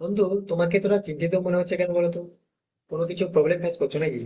বন্ধু, তোমাকে তোরা চিন্তিত মনে হচ্ছে কেন বলো তো? কোনো কিছু প্রবলেম ফেস করছো নাকি?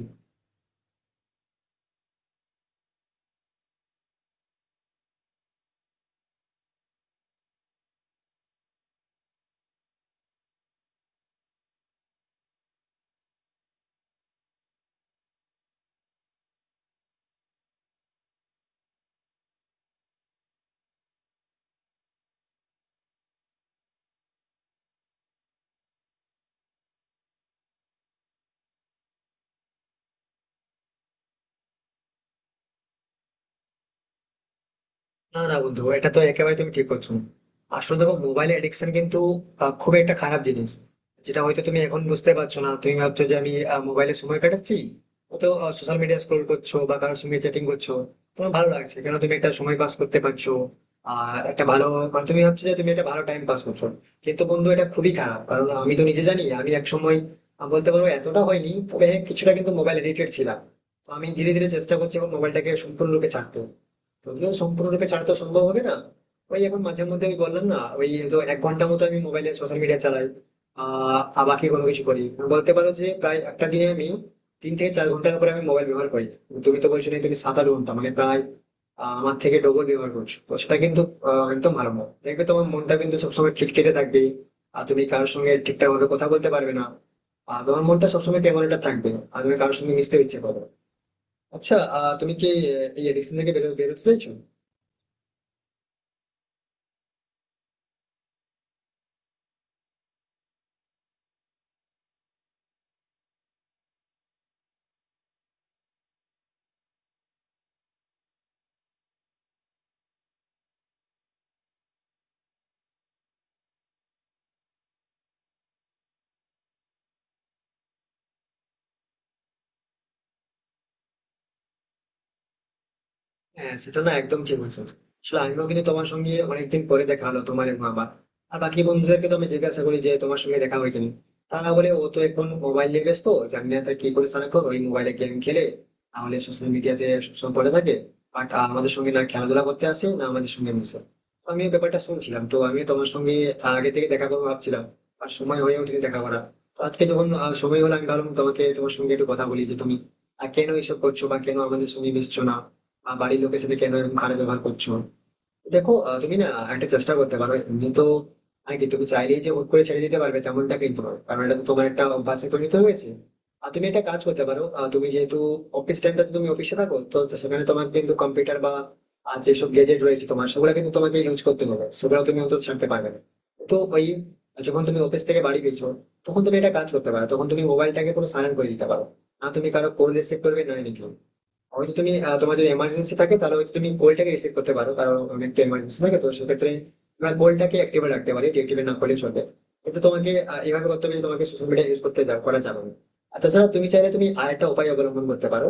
না না বন্ধু, এটা তো একেবারে তুমি ঠিক করছো। আসলে দেখো, মোবাইল এডিকশন কিন্তু খুব একটা খারাপ জিনিস, যেটা হয়তো তুমি এখন বুঝতে পারছো না। তুমি ভাবছো যে আমি মোবাইলে সময় কাটাচ্ছি, তো সোশ্যাল মিডিয়া স্ক্রোল করছো বা কারোর সঙ্গে চ্যাটিং করছো, তোমার ভালো লাগছে, কেন তুমি একটা সময় পাস করতে পারছো। আর একটা ভালো, মানে তুমি ভাবছো যে তুমি একটা ভালো টাইম পাস করছো। কিন্তু বন্ধু, এটা খুবই খারাপ, কারণ আমি তো নিজে জানি, আমি এক সময় বলতে পারো এতটা হয়নি, তবে হ্যাঁ, কিছুটা কিন্তু মোবাইল এডিক্টেড ছিলাম। তো আমি ধীরে ধীরে চেষ্টা করছি এখন মোবাইলটাকে সম্পূর্ণরূপে ছাড়তে। যদিও সম্পূর্ণরূপে ছাড়া তো সম্ভব হবে না। ওই এখন মাঝে মধ্যে আমি বললাম না, ওই তো এক ঘন্টা মতো আমি মোবাইলে সোশ্যাল মিডিয়া চালাই, আর বাকি কোনো কিছু করি না। বলতে পারো যে প্রায় একটা দিনে আমি তিন থেকে চার ঘন্টার উপরে আমি মোবাইল ব্যবহার করি। তুমি তো বলছো না, তুমি সাত আট ঘন্টা মানে প্রায় আমার থেকে ডবল ব্যবহার করছো, তো সেটা কিন্তু একদম ভালো না। দেখবে তোমার মনটা কিন্তু সবসময় খিটখিটে থাকবে, আর তুমি কারোর সঙ্গে ঠিকঠাক ভাবে কথা বলতে পারবে না, আর তোমার মনটা সবসময় কেমন একটা থাকবে, আর তুমি কারোর সঙ্গে মিশতে ইচ্ছে করো। আচ্ছা তুমি কি এই এডিকশন থেকে বেরোতে চাইছো? হ্যাঁ সেটা না, একদম ঠিক বলছো। আসলে আমিও কিন্তু তোমার সঙ্গে অনেকদিন পরে দেখা হলো, তোমার এবং আমার। আর বাকি বন্ধুদেরকে তো আমি জিজ্ঞাসা করি যে তোমার সঙ্গে দেখা হয় কিনা। তারা বলে, ও তো এখন মোবাইল নিয়ে ব্যস্ত, জানি না তার কি করে সারা করে, ওই মোবাইলে গেম খেলে, তাহলে সোশ্যাল মিডিয়াতে সবসময় পড়ে থাকে, বাট আমাদের সঙ্গে না খেলাধুলা করতে আসে, না আমাদের সঙ্গে মিশে। তো আমিও ব্যাপারটা শুনছিলাম, তো আমিও তোমার সঙ্গে আগে থেকে দেখা করবো ভাবছিলাম, আর সময় হয়ে ওঠেনি দেখা করা। তো আজকে যখন সময় হলো, আমি ভাবলাম তোমাকে, তোমার সঙ্গে একটু কথা বলি, যে তুমি কেন এইসব করছো বা কেন আমাদের সঙ্গে মিশছো না, বাড়ির লোকের সাথে কেন এরকম খারাপ ব্যবহার করছো। দেখো তুমি না একটা চেষ্টা করতে পারো এমনি তো। মানে কি, তুমি চাইলেই যে হুট করে ছেড়ে দিতে পারবে তেমনটা কিন্তু নয়, কারণ এটা তো তোমার একটা অভ্যাসে পরিণত হয়েছে। আর তুমি একটা কাজ করতে পারো, তুমি যেহেতু অফিস টাইমটা তুমি অফিসে থাকো, তো তো সেখানে তোমার কিন্তু কম্পিউটার বা আর যেসব গ্যাজেট রয়েছে তোমার, সেগুলো কিন্তু তোমাকে ইউজ করতে হবে, সেগুলো তুমি অন্তত ছাড়তে পারবে না। তো ওই যখন তুমি অফিস থেকে বাড়ি ফিরছো, তখন তুমি একটা কাজ করতে পারো, তখন তুমি মোবাইলটাকে পুরো সাইলেন্ট করে দিতে পারো। না, তুমি কারো কল রিসিভ করবে না, এনিথিং। হয়তো তুমি তোমার যদি এমার্জেন্সি থাকে তাহলে হয়তো তুমি কলটাকে রিসিভ করতে পারো, কারণ অনেক তো এমার্জেন্সি থাকে, তো সেক্ষেত্রে তোমার কলটাকে অ্যাক্টিভে রাখতে পারি, ডিঅ্যাক্টিভেট না করলে চলবে। কিন্তু তোমাকে এভাবে করতে হবে যে তোমাকে সোশ্যাল মিডিয়া ইউজ করতে করা যাবে না। আর তাছাড়া তুমি চাইলে তুমি আরেকটা উপায় অবলম্বন করতে পারো,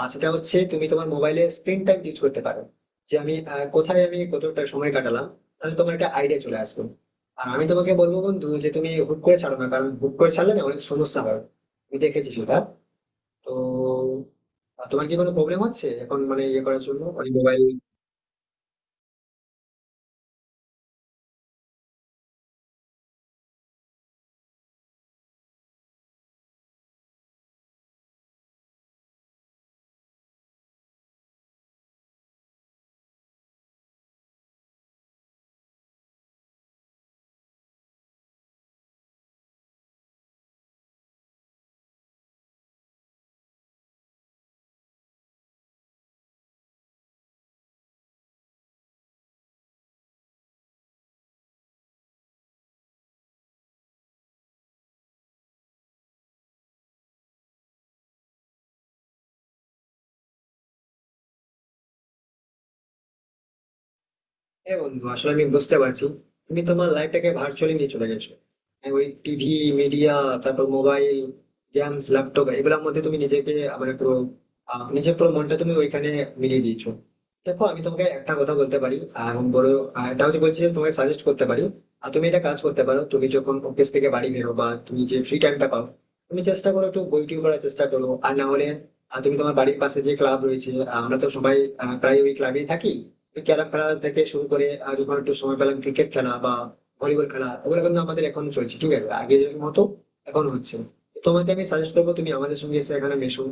আর সেটা হচ্ছে তুমি তোমার মোবাইলে স্ক্রিন টাইম ইউজ করতে পারো, যে আমি কোথায় আমি কতটা সময় কাটালাম। তাহলে তোমার একটা আইডিয়া চলে আসবে। আর আমি তোমাকে বলবো বন্ধু, যে তুমি হুট করে ছাড়ো না, কারণ হুট করে ছাড়লে না অনেক সমস্যা হয়, আমি দেখেছি সেটা। তো তোমার কি কোনো প্রবলেম হচ্ছে এখন, মানে ইয়ে করার জন্য ওই মোবাইল? হ্যাঁ বন্ধু, আসলে আমি বুঝতে পারছি তুমি তোমার লাইফটাকে ভার্চুয়ালি নিয়ে চলে গেছো। মানে ওই টিভি, মিডিয়া, তারপর মোবাইল, গেমস, ল্যাপটপ, এগুলোর মধ্যে তুমি নিজেকে, মানে পুরো নিজের পুরো মনটা তুমি ওইখানে মিলিয়ে দিয়েছো। দেখো, আমি তোমাকে একটা কথা বলতে পারি, আর বড়, আর এটা হচ্ছে বলছি যে তোমাকে সাজেস্ট করতে পারি, আর তুমি এটা কাজ করতে পারো। তুমি যখন অফিস থেকে বাড়ি বেরো, বা তুমি যে ফ্রি টাইমটা পাও, তুমি চেষ্টা করো একটু বই টিউ পড়ার চেষ্টা করো, আর না হলে তুমি তোমার বাড়ির পাশে যে ক্লাব রয়েছে, আমরা তো সবাই প্রায় ওই ক্লাবেই থাকি। ক্যারাম খেলা থেকে শুরু করে আজ যখন একটু সময় পেলাম, ক্রিকেট খেলা বা ভলিবল খেলা, ওগুলো কিন্তু আমাদের এখন চলছে, ঠিক আছে? আগে যেরকম হতো এখন হচ্ছে। তোমাকে আমি সাজেস্ট করবো, তুমি আমাদের সঙ্গে এসে এখানে মেশো,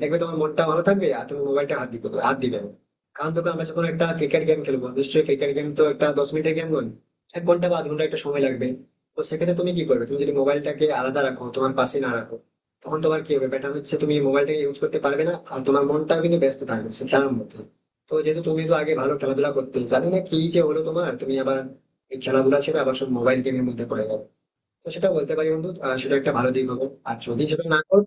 দেখবে তোমার মনটা ভালো থাকবে, আর তুমি মোবাইলটা হাত দিতে হাত দিবে না। কারণ দেখো, আমরা যখন একটা ক্রিকেট গেম খেলবো, নিশ্চয়ই ক্রিকেট গেম তো একটা দশ মিনিটের গেম নয়, এক ঘন্টা বা আধ ঘন্টা একটা সময় লাগবে। তো সেক্ষেত্রে তুমি কি করবে, তুমি যদি মোবাইলটাকে আলাদা রাখো, তোমার পাশে না রাখো, তখন তোমার কি হবে, ব্যাটার হচ্ছে তুমি মোবাইলটাকে ইউজ করতে পারবে না, আর তোমার মনটাও কিন্তু ব্যস্ত থাকবে সে খেলার মধ্যে। তো যেহেতু তুমি তো আগে ভালো খেলাধুলা করতে, জানি না কি যে হলো তোমার, তুমি আবার এই খেলাধুলা ছেড়ে আবার সব মোবাইল গেমের মধ্যে পড়ে গেলো। তো সেটা বলতে পারি বন্ধু, সেটা একটা ভালো দিক হবে, আর যদি সেটা না করো,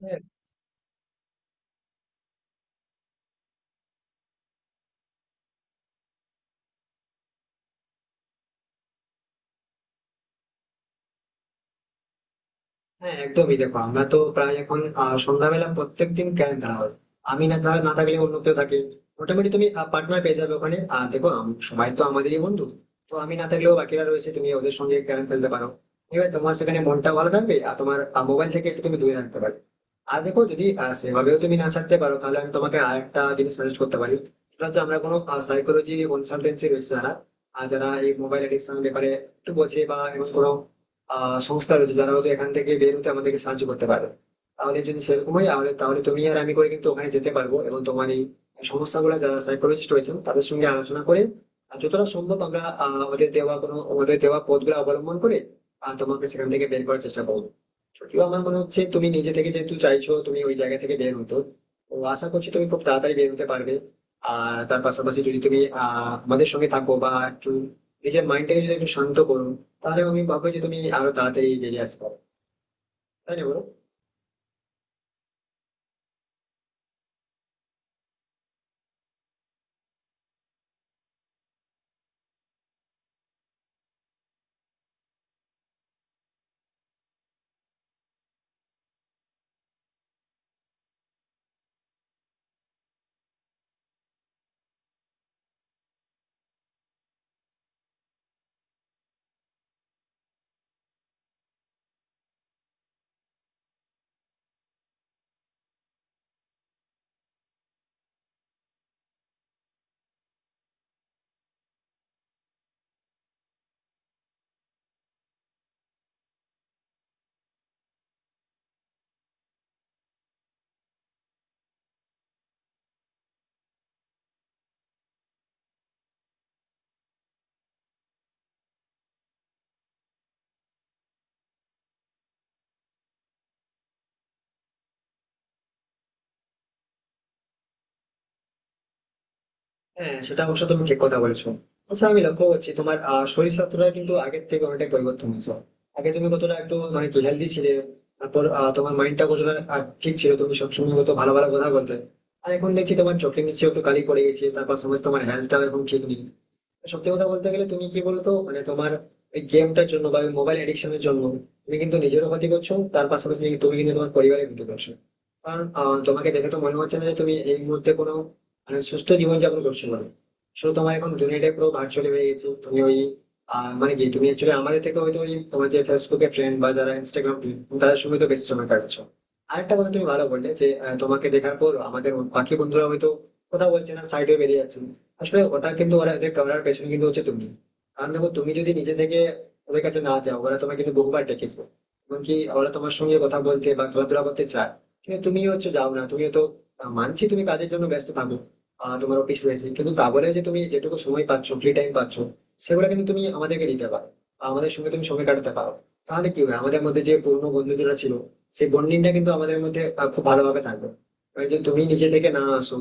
তাহলে হ্যাঁ একদমই দেখো আমরা তো প্রায় এখন সন্ধ্যাবেলা প্রত্যেকদিন ক্যারেম খেলা হয়, আমি না থাকলে অন্য কেউ থাকে। মোটামুটি তুমি পার্টনার পেয়ে যাবে ওখানে। আর দেখো সবাই তো আমাদেরই বন্ধু, তো আমি না থাকলেও বাকিরা রয়েছে, তুমি ওদের সঙ্গে ক্যারেম খেলতে পারো। এবার তোমার সেখানে মনটা ভালো থাকবে, আর তোমার মোবাইল থেকে একটু তুমি দূরে রাখতে পারবে। আর দেখো, যদি সেভাবেও তুমি না ছাড়তে পারো, তাহলে আমি তোমাকে আরেকটা জিনিস সাজেস্ট করতে পারি। সেটা হচ্ছে আমরা কোনো সাইকোলজি কনসালটেন্সি রয়েছে যারা, আর যারা এই মোবাইল এডিকশন ব্যাপারে একটু বোঝে, বা এমন কোনো সংস্থা রয়েছে যারা হয়তো এখান থেকে বের হতে আমাদেরকে সাহায্য করতে পারে। তাহলে যদি সেরকম হয়, তাহলে তাহলে তুমি আর আমি করে কিন্তু ওখানে যেতে পারবো, এবং তোমার এই সমস্যাগুলো যারা সাইকোলজিস্ট রয়েছেন তাদের সঙ্গে আলোচনা করে, আর যতটা সম্ভব আমরা ওদের দেওয়া কোনো ওদের দেওয়া পথগুলো অবলম্বন করে তোমাকে সেখান থেকে বের করার চেষ্টা করবো। যদিও আমার মনে হচ্ছে তুমি নিজে থেকে যেহেতু চাইছো তুমি ওই জায়গা থেকে বের হতো, ও আশা করছি তুমি খুব তাড়াতাড়ি বের হতে পারবে। আর তার পাশাপাশি যদি তুমি আমাদের সঙ্গে থাকো, বা একটু নিজের মাইন্ডটাকে যদি একটু শান্ত করো, তাহলে আমি ভাববো যে তুমি আরো তাড়াতাড়ি বেরিয়ে আসতে পারো, তাই না বলো? হ্যাঁ, সেটা অবশ্য তুমি ঠিক কথা বলেছো। আচ্ছা, আমি লক্ষ্য করছি তোমার শরীর স্বাস্থ্যটা কিন্তু আগের থেকে অনেকটাই পরিবর্তন হয়েছে। আগে তুমি কতটা একটু মানে কি হেলদি ছিলে, তারপর তোমার মাইন্ডটা কতটা ঠিক ছিল, তুমি সবসময় কত ভালো ভালো কথা বলতে। আর এখন দেখছি তোমার চোখে নিচে একটু কালি পড়ে গেছে, তার পাশাপাশি তোমার হেলথটাও এখন ঠিক নেই। সত্যি কথা বলতে গেলে তুমি কি বলতো, মানে তোমার ওই গেমটার জন্য বা ওই মোবাইল এডিকশনের জন্য তুমি কিন্তু নিজেরও ক্ষতি করছো, তার পাশাপাশি কিন্তু তুমি কিন্তু তোমার পরিবারের ক্ষতি করছো। কারণ তোমাকে দেখে তো মনে হচ্ছে না যে তুমি এই মুহূর্তে কোনো, মানে সুস্থ জীবনযাপন করছো, মানে শুধু তোমার এখন দুনিয়াটাই পুরো ভার্চুয়ালি হয়ে গেছে, তুমি ওই মানে কি, তুমি অ্যাকচুয়ালি আমাদের থেকে হয়তো ওই তোমার যে ফেসবুকে ফ্রেন্ড, বা যারা ইনস্টাগ্রাম, তাদের সঙ্গে তো বেশি সময় কাটাচ্ছো। আরেকটা কথা, তুমি ভালো বললে যে তোমাকে দেখার পর আমাদের বাকি বন্ধুরা হয়তো কথা বলছে না, সাইডে বেরিয়ে যাচ্ছে। আসলে ওটা কিন্তু ওরা ওদের ক্যামেরার পেছনে কিন্তু হচ্ছে, তুমি, কারণ দেখো তুমি যদি নিজে থেকে ওদের কাছে না যাও, ওরা তোমাকে কিন্তু বহুবার ডেকেছে। এমনকি ওরা তোমার সঙ্গে কথা বলতে বা খেলাধুলা করতে চায়, কিন্তু তুমি হচ্ছে যাও না তুমি তো। মানছি তুমি কাজের জন্য ব্যস্ত থাকো, তোমার অফিস রয়েছে, কিন্তু তা বলে যে তুমি যেটুকু সময় পাচ্ছ, ফ্রি টাইম পাচ্ছ, সেগুলো কিন্তু তুমি আমাদেরকে দিতে পারো, বা আমাদের সঙ্গে তুমি সময় কাটাতে পারো। তাহলে কি হয়, আমাদের মধ্যে যে পুরনো বন্ধুরা ছিল, সেই বন্ডিংটা কিন্তু আমাদের মধ্যে খুব ভালোভাবে থাকবে। এবার যদি তুমি নিজে থেকে না আসো,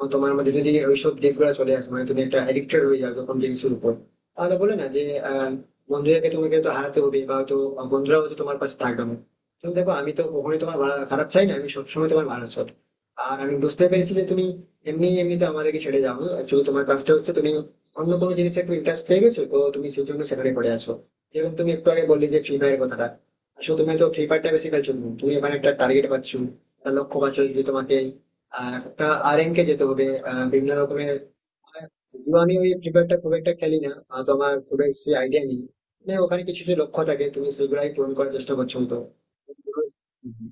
ও তোমার মধ্যে যদি ওইসব দিকগুলো চলে আসে, মানে তুমি একটা এডিক্টেড হয়ে যাও যখন জিনিসের উপর, তাহলে বলে না যে আহ, বন্ধুদেরকে তোমাকে তো হারাতে হবে, বা হয়তো বন্ধুরা হয়তো তোমার পাশে থাকবে না। তুমি দেখো, আমি তো কখনোই তোমার খারাপ চাই না, আমি সবসময় তোমার ভালো চাই। আর আমি বুঝতে পেরেছি যে তুমি এমনি এমনিতে আমাদেরকে ছেড়ে যাও, অ্যাকচুয়ালি তোমার কাজটা হচ্ছে তুমি অন্য কোনো জিনিসে একটু ইন্টারেস্ট পেয়ে গেছো, তো তুমি সেই জন্য সেখানে পড়ে আছো। যেরকম তুমি একটু আগে বললে যে ফ্রি ফায়ার কথাটা, আসলে তুমি তো ফ্রি ফায়ারটা বেশি খেলছো না। তুমি এখানে একটা টার্গেট পাচ্ছো, একটা লক্ষ্য পাচ্ছো যে তোমাকে আর একটা আরএন কে যেতে হবে, বিভিন্ন রকমের। যদিও আমি ওই প্রিপেয়ারটা খুব একটা খেলি না, তো আমার খুব বেশি আইডিয়া নেই। মানে ওখানে কিছু যে লক্ষ্য থাকে, তুমি সেগুলাই পূরণ করার চেষ্টা করছো তো। হুম, হুম।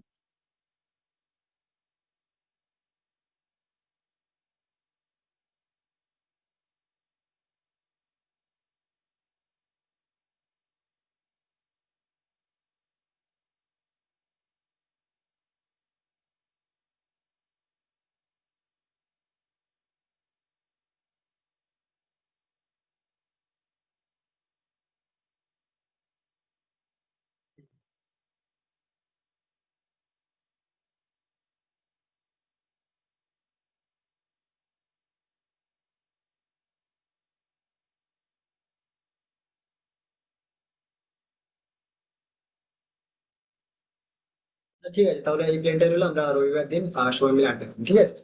ঠিক আছে, তাহলে এই প্ল্যানটাই রইলো, আমরা রবিবার দিন সবাই মিলে আড্ডা দিবো, ঠিক আছে?